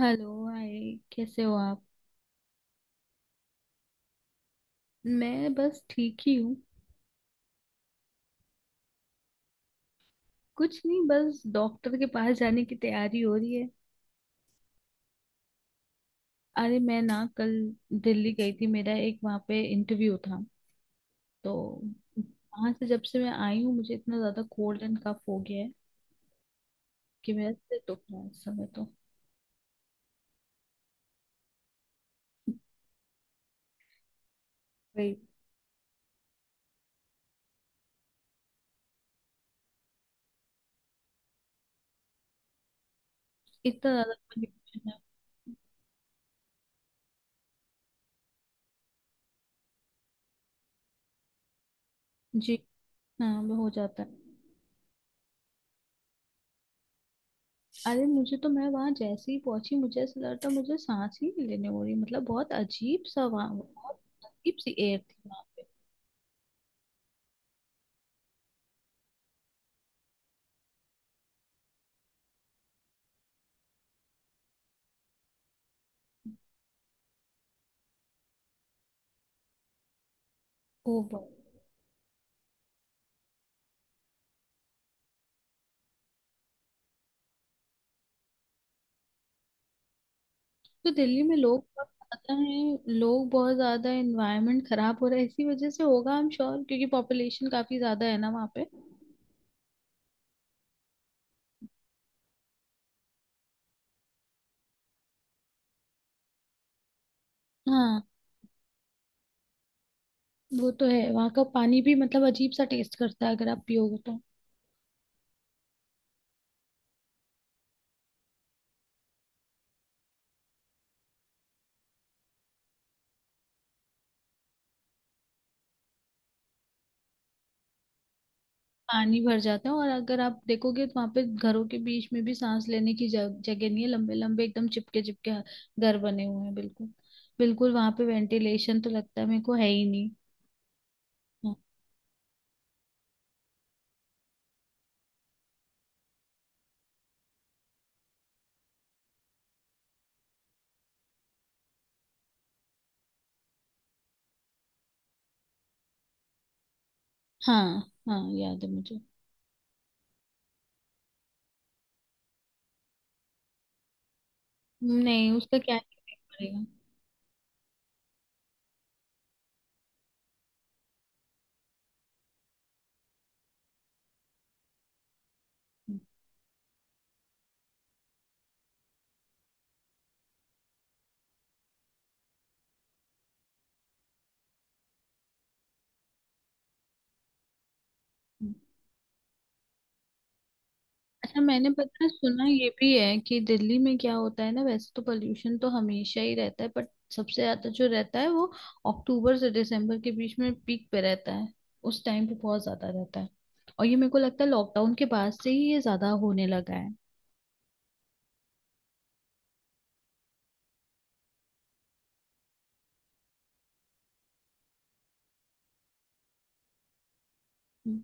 Hello, hi. कैसे हो आप? मैं बस ठीक ही हूँ। कुछ नहीं, बस डॉक्टर के पास जाने की तैयारी हो रही है। अरे मैं ना कल दिल्ली गई थी, मेरा एक वहाँ पे इंटरव्यू था तो वहाँ से जब से मैं आई हूँ मुझे इतना ज्यादा कोल्ड एंड कफ हो गया है कि मेरा सिर दुख रहा है इस समय तो। वही, इतना ज्यादा pollution है। जी। हाँ, वो हो जाता है। अरे मुझे तो, मैं वहां जैसे ही पहुंची मुझे ऐसा लग रहा था मुझे सांस ही नहीं लेने हो रही, मतलब बहुत अजीब सा वहां, बहुत अजीब सी एयर थी वहां पे। ओवर। तो दिल्ली में लोग बहुत ज्यादा हैं, लोग बहुत ज्यादा, एनवायरनमेंट खराब हो रहा है इसी वजह से होगा, आई एम श्योर, क्योंकि पॉपुलेशन काफी ज्यादा है ना वहाँ पे। हाँ, वो तो है। वहाँ का पानी भी मतलब अजीब सा टेस्ट करता है अगर आप पियोगे तो। पानी भर जाता है, और अगर आप देखोगे तो वहां पे घरों के बीच में भी सांस लेने की जगह नहीं है। लंबे लंबे एकदम चिपके चिपके घर बने हुए हैं, बिल्कुल बिल्कुल वहां पे वेंटिलेशन तो लगता है मेरे को है ही नहीं। हाँ। हाँ। हाँ, याद है मुझे। नहीं, उसका क्या पड़ेगा। हम्म, हम्म। अच्छा, मैंने पता है, सुना ये भी है कि दिल्ली में क्या होता है ना, वैसे तो पोल्यूशन तो हमेशा ही रहता है बट सबसे ज्यादा जो रहता है वो अक्टूबर से दिसंबर के बीच में पीक पे रहता है। उस टाइम पे बहुत ज्यादा रहता है, और ये मेरे को लगता है लॉकडाउन के बाद से ही ये ज्यादा होने लगा है। हम्म,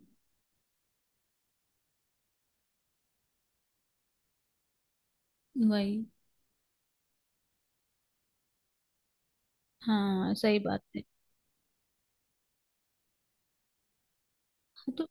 वही। हाँ, सही बात है। हाँ, तो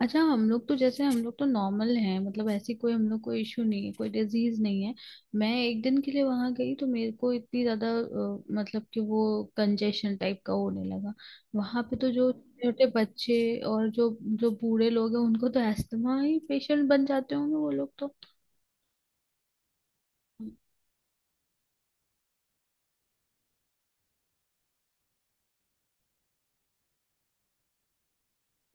अच्छा, हम लोग तो, नॉर्मल हैं, मतलब ऐसी कोई हम लोग को इशू नहीं है, कोई डिजीज नहीं है। मैं एक दिन के लिए वहां गई तो मेरे को इतनी ज्यादा मतलब कि वो कंजेशन टाइप का होने लगा। वहां पे तो जो छोटे बच्चे और जो जो बूढ़े लोग हैं उनको तो अस्थमा ही, पेशेंट बन जाते होंगे वो लोग तो।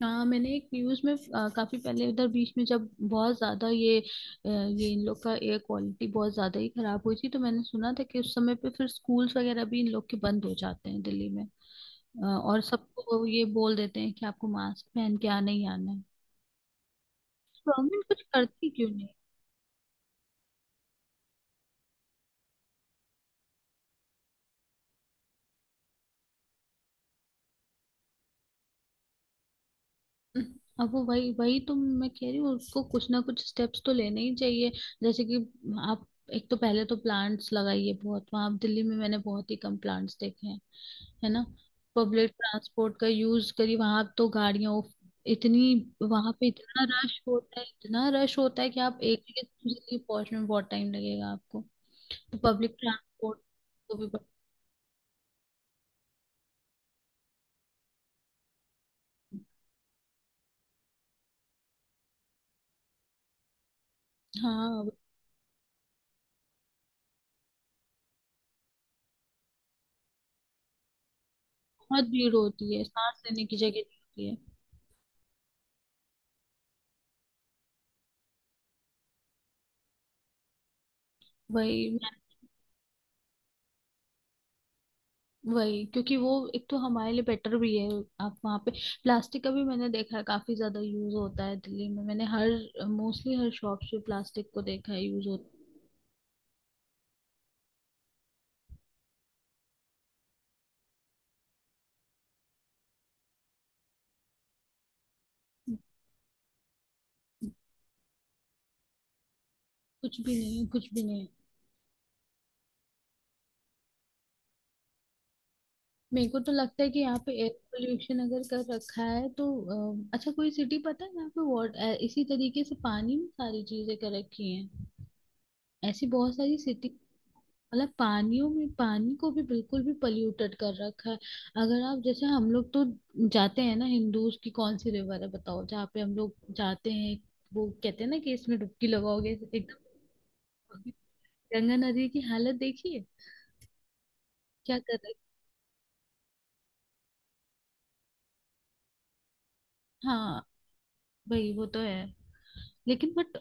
हाँ, मैंने एक न्यूज में काफी पहले, उधर बीच में जब बहुत ज्यादा ये ये इन लोग का एयर क्वालिटी बहुत ज्यादा ही खराब हुई थी, तो मैंने सुना था कि उस समय पे फिर स्कूल्स वगैरह भी इन लोग के बंद हो जाते हैं दिल्ली में। और सबको वो ये बोल देते हैं कि आपको मास्क पहन के आना ही आना है। गवर्नमेंट कुछ करती क्यों नहीं? अब वो वही वही तो मैं कह रही हूँ, उसको कुछ ना कुछ स्टेप्स तो लेने ही चाहिए। जैसे कि आप, एक तो पहले तो प्लांट्स लगाइए, बहुत वहां दिल्ली में मैंने बहुत ही कम प्लांट्स देखे हैं, है ना। पब्लिक ट्रांसपोर्ट का यूज करिए, वहां तो गाड़ियां इतनी, वहां पे इतना रश होता है, इतना रश होता है कि आप एक जगह से दूसरी जगह पहुंचने में बहुत टाइम लगेगा आपको। तो पब्लिक ट्रांसपोर्ट को भी हाँ, बहुत भीड़ होती है, सांस लेने की जगह नहीं होती है। वही मैं- वही, क्योंकि वो एक तो हमारे लिए बेटर भी है। आप वहाँ पे, प्लास्टिक का भी मैंने देखा है काफी ज्यादा यूज होता है दिल्ली में। मैंने हर मोस्टली हर शॉप पे प्लास्टिक को देखा है यूज होता। कुछ भी नहीं, कुछ भी नहीं। मेरे को तो लगता है कि यहाँ पे एयर पोल्यूशन अगर कर रखा है तो, अच्छा कोई सिटी पता है यहाँ पे वाटर इसी तरीके से, पानी में सारी चीजें कर रखी हैं? ऐसी बहुत सारी सिटी, मतलब पानियों में, पानी को भी बिल्कुल भी पल्यूटेड कर रखा है। अगर आप, जैसे हम लोग तो जाते हैं ना, हिंदूज की कौन सी रिवर है बताओ जहाँ पे हम लोग जाते हैं? वो कहते हैं ना कि इसमें डुबकी लगाओगे एकदम। गंगा नदी की हालत देखिए, क्या कर रही। हाँ भाई, वो तो है, लेकिन बट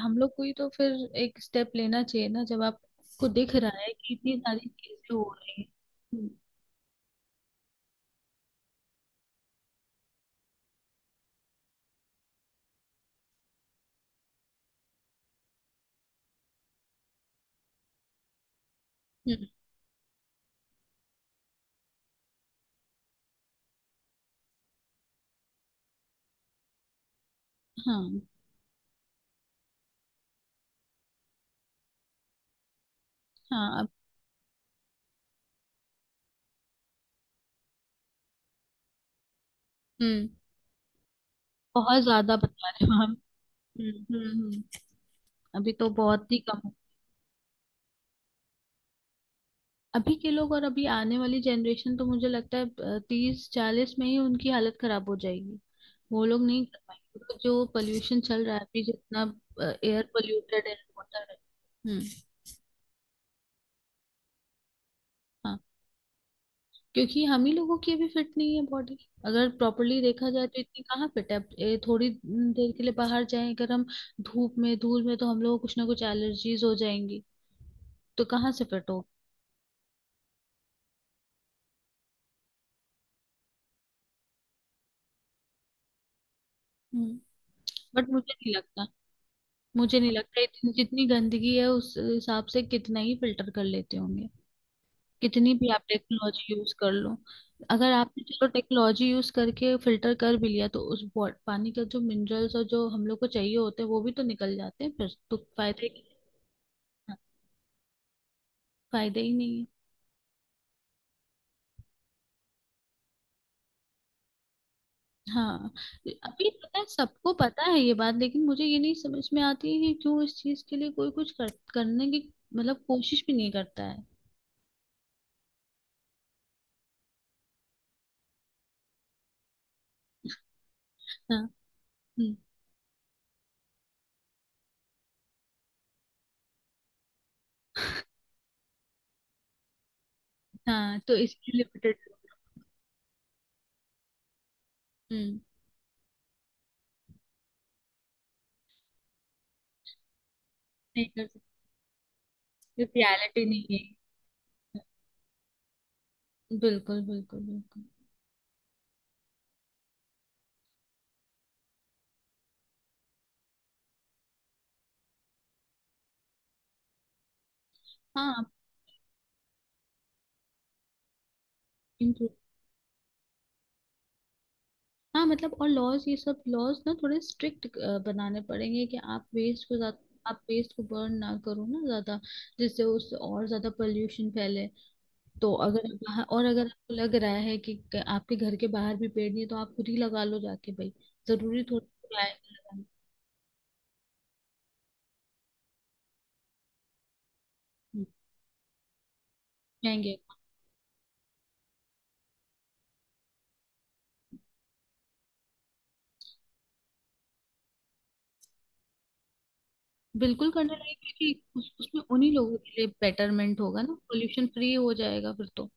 हम लोग को ही तो फिर एक स्टेप लेना चाहिए ना, जब आपको दिख रहा है कि इतनी सारी चीजें हो रही हैं। हम्म हम्म हाँ। हाँ, अब। हम्म। बहुत ज्यादा बता रहे हो हम। हम्म हम्म, हम्म। अभी तो बहुत ही कम है। अभी के लोग और अभी आने वाली जनरेशन तो मुझे लगता है 30 40 में ही उनकी हालत खराब हो जाएगी। वो लोग नहीं कर पाएंगे, तो जो पोल्यूशन चल रहा है अभी जितना, एयर पोल्यूटेड है, वाटर है। हम्म। क्योंकि हम ही लोगों की अभी फिट नहीं है बॉडी, अगर प्रॉपरली देखा जाए तो इतनी कहाँ फिट है अब। थोड़ी देर के लिए बाहर जाएं अगर हम, धूप में धूल में, तो हम लोग को कुछ ना कुछ एलर्जीज हो जाएंगी। तो कहाँ से फिट हो। हम्म बट मुझे नहीं लगता, मुझे नहीं लगता इतनी, जितनी गंदगी है उस हिसाब से कितना ही फिल्टर कर लेते होंगे। कितनी भी आप टेक्नोलॉजी यूज कर लो, अगर आपने, चलो, टेक्नोलॉजी यूज करके फिल्टर कर भी लिया तो उस पानी का जो मिनरल्स और जो हम लोग को चाहिए होते हैं वो भी तो निकल जाते हैं, फिर तो फायदा ही नहीं है। हाँ। अभी पता है, सबको पता है ये बात, लेकिन मुझे ये नहीं समझ में आती है कि क्यों इस चीज के लिए कोई कुछ करने की मतलब कोशिश भी नहीं करता है। हाँ। हम्म। हाँ, तो इसके लिमिटेड। हम्म। नहीं कर सकते। रियलिटी नहीं है। बिल्कुल बिल्कुल बिल्कुल। हाँ, इम्प्रूव। हाँ, मतलब और लॉज, ये सब लॉज ना थोड़े स्ट्रिक्ट बनाने पड़ेंगे, कि आप वेस्ट को ज्यादा, आप वेस्ट को बर्न ना करो ना ज्यादा, जिससे उससे और ज्यादा पोल्यूशन फैले। तो अगर आप बाहर, और अगर आपको लग रहा है कि आपके घर के बाहर भी पेड़ नहीं है तो आप खुद ही लगा लो जाके भाई। जरूरी थोड़ी लगाना। हम्म, जाएंगे। बिल्कुल करना चाहिए, क्योंकि उसमें उन्हीं लोगों के लिए बेटरमेंट होगा ना, पोल्यूशन फ्री हो जाएगा फिर तो।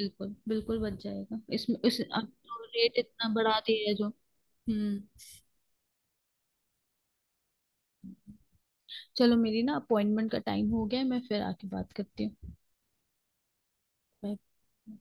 बिल्कुल बिल्कुल बच जाएगा इसमें, इस अब तो रेट इतना बढ़ा दिया है जो। हम्म। चलो, मेरी ना अपॉइंटमेंट का टाइम हो गया है, मैं फिर आके बात करती हूँ। बाय।